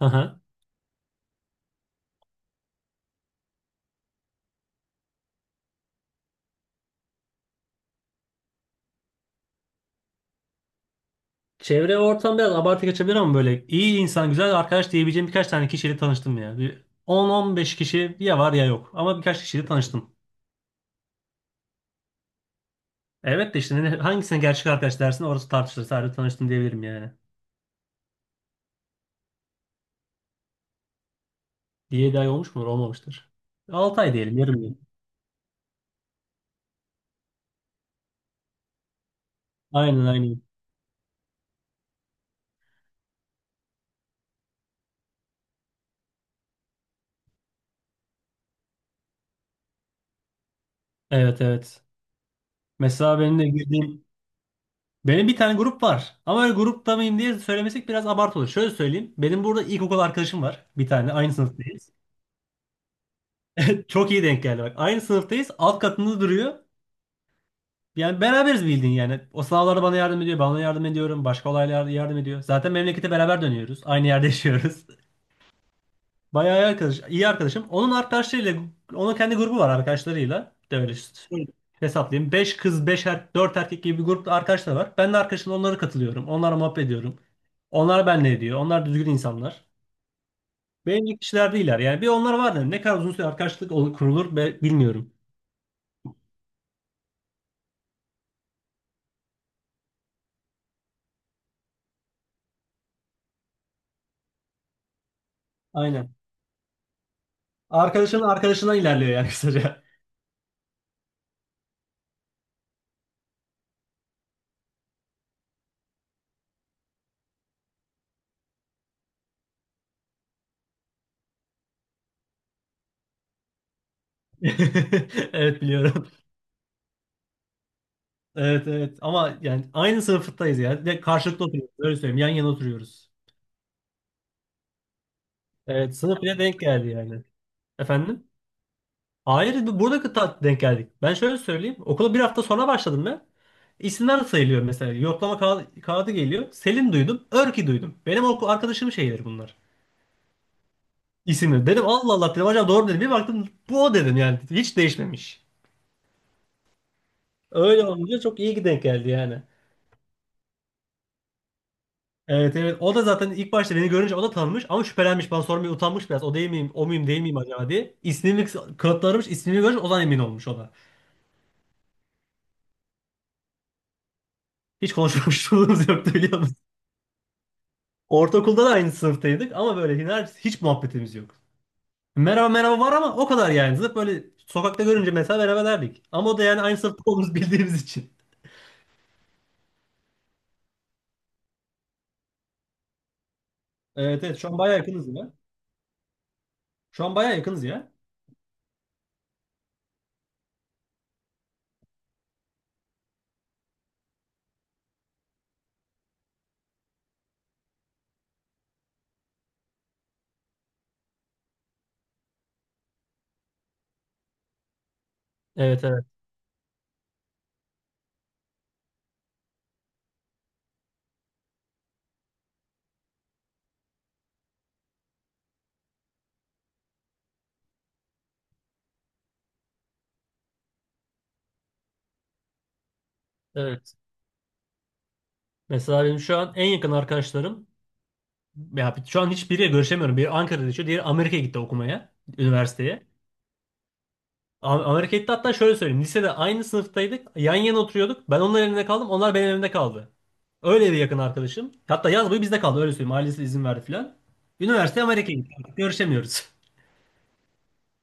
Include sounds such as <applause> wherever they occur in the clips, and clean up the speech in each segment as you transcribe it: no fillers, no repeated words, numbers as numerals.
Aha. Çevre ve ortam biraz abartı kaçabilir ama böyle iyi insan, güzel arkadaş diyebileceğim birkaç tane kişiyle tanıştım ya. Bir 10-15 kişi ya var ya yok ama birkaç kişiyle tanıştım. Evet de işte hangisine gerçek arkadaş dersin, orası tartışılır. Sadece tanıştım diyebilirim yani. 7 ay olmuş mudur? Olmamıştır. 6 ay diyelim, yarım yıl. Aynen, aynen. Evet, evet. Mesela benim de girdiğim benim bir tane grup var. Ama öyle grupta mıyım diye söylemesek biraz abartı olur. Şöyle söyleyeyim. Benim burada ilkokul arkadaşım var. Bir tane. Aynı sınıftayız. Çok iyi denk geldi bak. Aynı sınıftayız. Alt katında duruyor. Yani beraberiz bildiğin yani. O sınavlarda bana yardım ediyor. Ben ona yardım ediyorum. Başka olaylarda yardım ediyor. Zaten memlekete beraber dönüyoruz. Aynı yerde yaşıyoruz. <laughs> Bayağı iyi arkadaşım. Onun kendi grubu var arkadaşlarıyla. De öyle şöyle hesaplayayım. 5 kız, 4 erkek gibi bir grupta arkadaşlar var. Ben de arkadaşımla onlara katılıyorum. Onlara muhabbet ediyorum. Onlar benle ediyor. Onlar düzgün insanlar. Benim gibi kişiler değiller. Yani bir onlar var dedim. Ne kadar uzun süre arkadaşlık olur, kurulur, bilmiyorum. Aynen. Arkadaşın arkadaşından ilerliyor yani kısaca. <laughs> Evet, biliyorum. Evet, evet, ama yani aynı sınıftayız ya, ve karşılıklı oturuyoruz. Öyle söyleyeyim. Yan yana oturuyoruz. Evet, sınıf bile denk geldi yani. Efendim? Hayır, burada kıta denk geldik. Ben şöyle söyleyeyim. Okula bir hafta sonra başladım ben. İsimler sayılıyor mesela. Yoklama kağıdı geliyor. Selin duydum. Örki duydum. Benim okul arkadaşım şeyleri bunlar. İsimleri. Dedim Allah Allah dedim. Acaba doğru mu dedim. Bir baktım bu o dedim yani. Hiç değişmemiş. Öyle olunca çok iyi ki denk geldi yani. Evet, evet. O da zaten ilk başta beni görünce o da tanımış ama şüphelenmiş. Bana sormaya utanmış biraz. O değil miyim? O muyum, değil miyim acaba diye. İsmimi kanıtlarmış. İsmini görünce o zaman emin olmuş o da. Hiç konuşmamışlığımız <laughs> yoktu biliyor musun? Ortaokulda da aynı sınıftaydık ama böyle hiç muhabbetimiz yok. Merhaba merhaba var ama o kadar yani. Zıp böyle sokakta görünce mesela merhaba derdik. Ama o da yani aynı sınıfta olduğumuzu <laughs> bildiğimiz için. Evet, evet, şu an bayağı yakınız ya. Şu an bayağı yakınız ya. Evet, evet, evet. Mesela benim şu an en yakın arkadaşlarım, ya şu an hiçbiriyle görüşemiyorum. Biri Ankara'da yaşıyor, diğeri Amerika'ya gitti okumaya, üniversiteye. Amerika'ya gitti, hatta şöyle söyleyeyim. Lisede aynı sınıftaydık. Yan yana oturuyorduk. Ben onların evinde kaldım. Onlar benim evimde kaldı. Öyle bir yakın arkadaşım. Hatta yaz boyu bizde kaldı, öyle söyleyeyim. Ailesi izin verdi filan. Üniversite Amerika'ya gitti. Artık görüşemiyoruz. <laughs>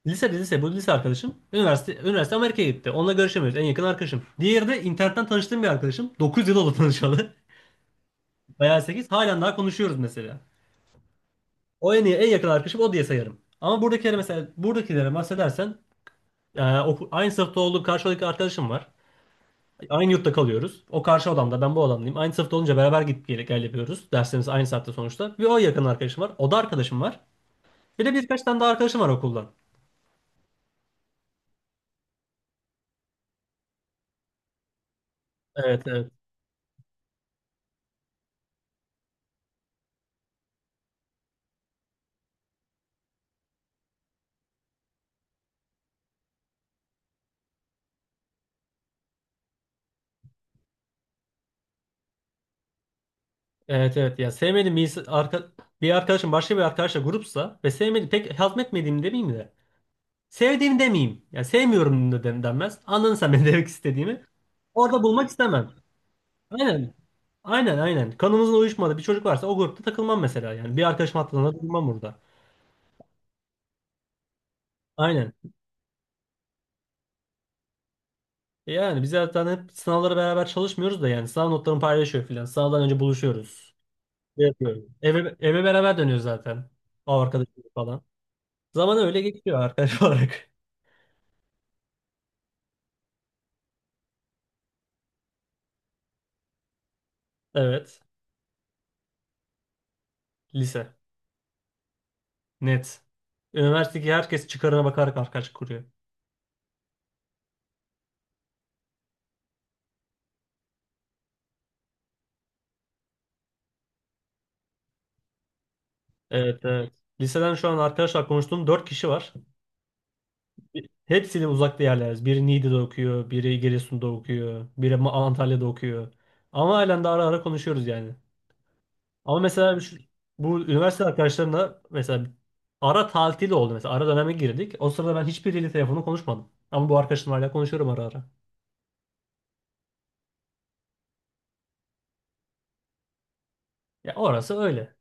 Lise, bu lise arkadaşım. Üniversite Amerika'ya gitti. Onunla görüşemiyoruz. En yakın arkadaşım. Diğeri de internetten tanıştığım bir arkadaşım. 9 yıl oldu tanışalı. <laughs> Bayağı halen daha konuşuyoruz mesela. O en iyi, en yakın arkadaşım, o diye sayarım. Ama buradakilere mesela, buradakilere bahsedersen, aynı sınıfta olduğum karşıdaki arkadaşım var. Aynı yurtta kalıyoruz. O karşı odamda, ben bu odamdayım. Aynı sınıfta olunca beraber gidip gel yapıyoruz. Derslerimiz aynı saatte sonuçta. Bir o yakın arkadaşım var. O da arkadaşım var. Bir de birkaç tane daha arkadaşım var okuldan. Evet, evet. Evet, evet, ya sevmediğim bir arkadaşım başka bir arkadaşla grupsa ve sevmedi, pek hazmetmediğimi demeyeyim de sevdiğimi demeyeyim. Ya sevmiyorum da denmez. Anladın sen benim <laughs> demek istediğimi. Orada bulmak istemem. Aynen. Aynen, aynen. Kanımızın uyuşmadığı bir çocuk varsa o grupta takılmam mesela yani. Bir arkadaşım hattında durmam burada. Aynen. Yani biz zaten hep sınavlara beraber çalışmıyoruz da, yani sınav notlarını paylaşıyor filan. Sınavdan önce buluşuyoruz. Şey yapıyoruz. Eve beraber dönüyoruz zaten. O arkadaşım falan. Zaman öyle geçiyor arkadaş <laughs> olarak. Evet. Lise. Net. Üniversitedeki herkes çıkarına bakarak arkadaş kuruyor. Evet, evet. Liseden şu an arkadaşlar konuştuğum 4 kişi var. Hepsiyle uzakta yerleriz. Biri Niğde'de okuyor, biri Giresun'da okuyor, biri Antalya'da okuyor. Ama halen de ara ara konuşuyoruz yani. Ama mesela bu üniversite arkadaşlarımla mesela ara tatil oldu mesela. Ara döneme girdik. O sırada ben hiçbiriyle telefonla konuşmadım. Ama bu arkadaşımla hala konuşuyorum ara ara. Ya orası öyle.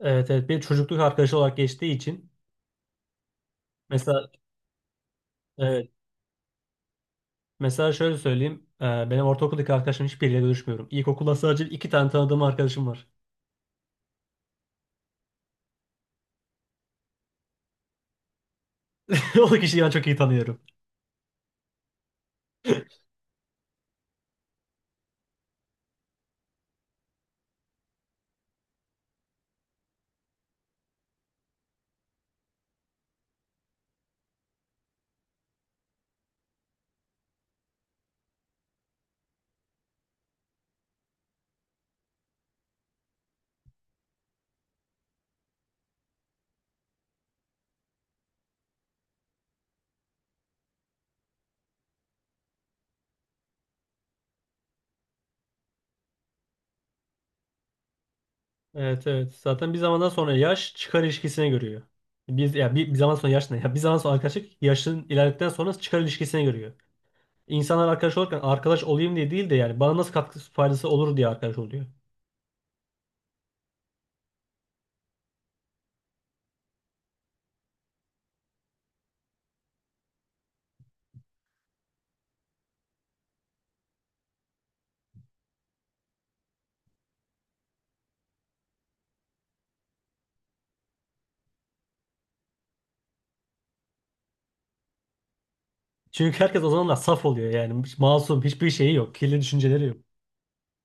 Evet, evet. Bir çocukluk arkadaşı olarak geçtiği için mesela, evet. Mesela şöyle söyleyeyim. Benim ortaokuldaki arkadaşlarım hiçbiriyle görüşmüyorum. İlkokulda sadece iki tane tanıdığım arkadaşım var. <laughs> O da kişiyi ben çok iyi tanıyorum. Evet, evet. Zaten bir zamandan sonra yaş çıkar ilişkisine görüyor. Biz ya bir zaman sonra yaş ne? Ya bir zaman sonra arkadaşlık, yaşın ilerledikten sonra çıkar ilişkisine görüyor. İnsanlar arkadaş olurken arkadaş olayım diye değil de yani bana nasıl katkısı, faydası olur diye arkadaş oluyor. Çünkü herkes o zamanlar saf oluyor yani. Hiç masum, hiçbir şeyi yok. Kirli düşünceleri yok.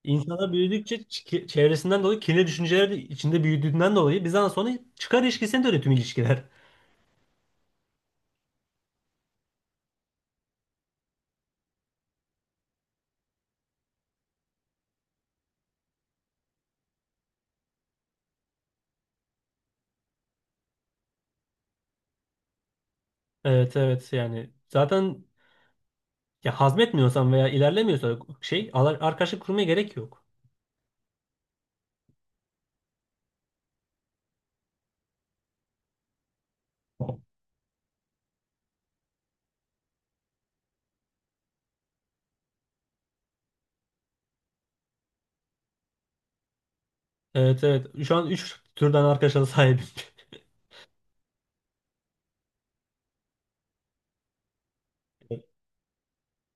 İnsana büyüdükçe çevresinden dolayı kirli düşünceler de içinde büyüdüğünden dolayı bizden sonra çıkar ilişkisine dönüyor tüm ilişkiler. <laughs> Evet, evet, yani zaten ya hazmetmiyorsan veya ilerlemiyorsan şey, arkadaşlık kurmaya gerek yok. Evet, evet, şu an 3 türden arkadaşa da sahibim.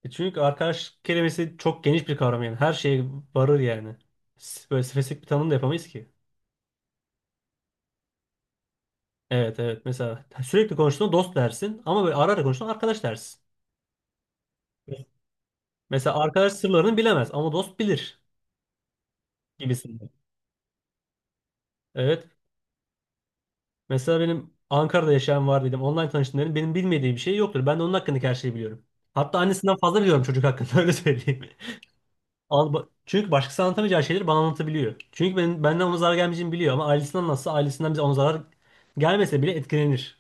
<laughs> Çünkü arkadaş kelimesi çok geniş bir kavram yani, her şeye varır yani. Böyle spesifik bir tanım da yapamayız ki. Evet, evet, mesela sürekli konuştuğun dost dersin, ama böyle ara ara konuştuğun arkadaş dersin. Mesela arkadaş sırlarını bilemez ama dost bilir gibisinden. Evet. Mesela benim Ankara'da yaşayan var dedim. Online tanıştım dedim. Benim bilmediği bir şey yoktur. Ben de onun hakkındaki her şeyi biliyorum. Hatta annesinden fazla biliyorum çocuk hakkında, <laughs> öyle söyleyeyim. Çünkü başkası anlatamayacağı şeyleri bana anlatabiliyor. Çünkü ben, benden ona zarar gelmeyeceğini biliyor, ama ailesinden bize, ona zarar gelmese bile etkilenir.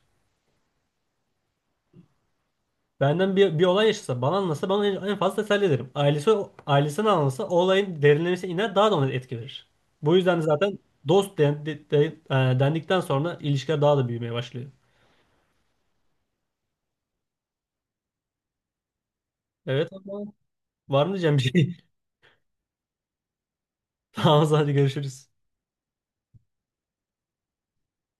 Benden bir olay yaşasa, bana anlatsa, bana en fazla teselli ederim. Ailesine anlatsa o olayın derinlemesine iner, daha da ona etki verir. Bu yüzden zaten dost dendikten sonra ilişkiler daha da büyümeye başlıyor. Evet ama, var mı diyeceğim bir şey? <laughs> Tamam, hadi görüşürüz.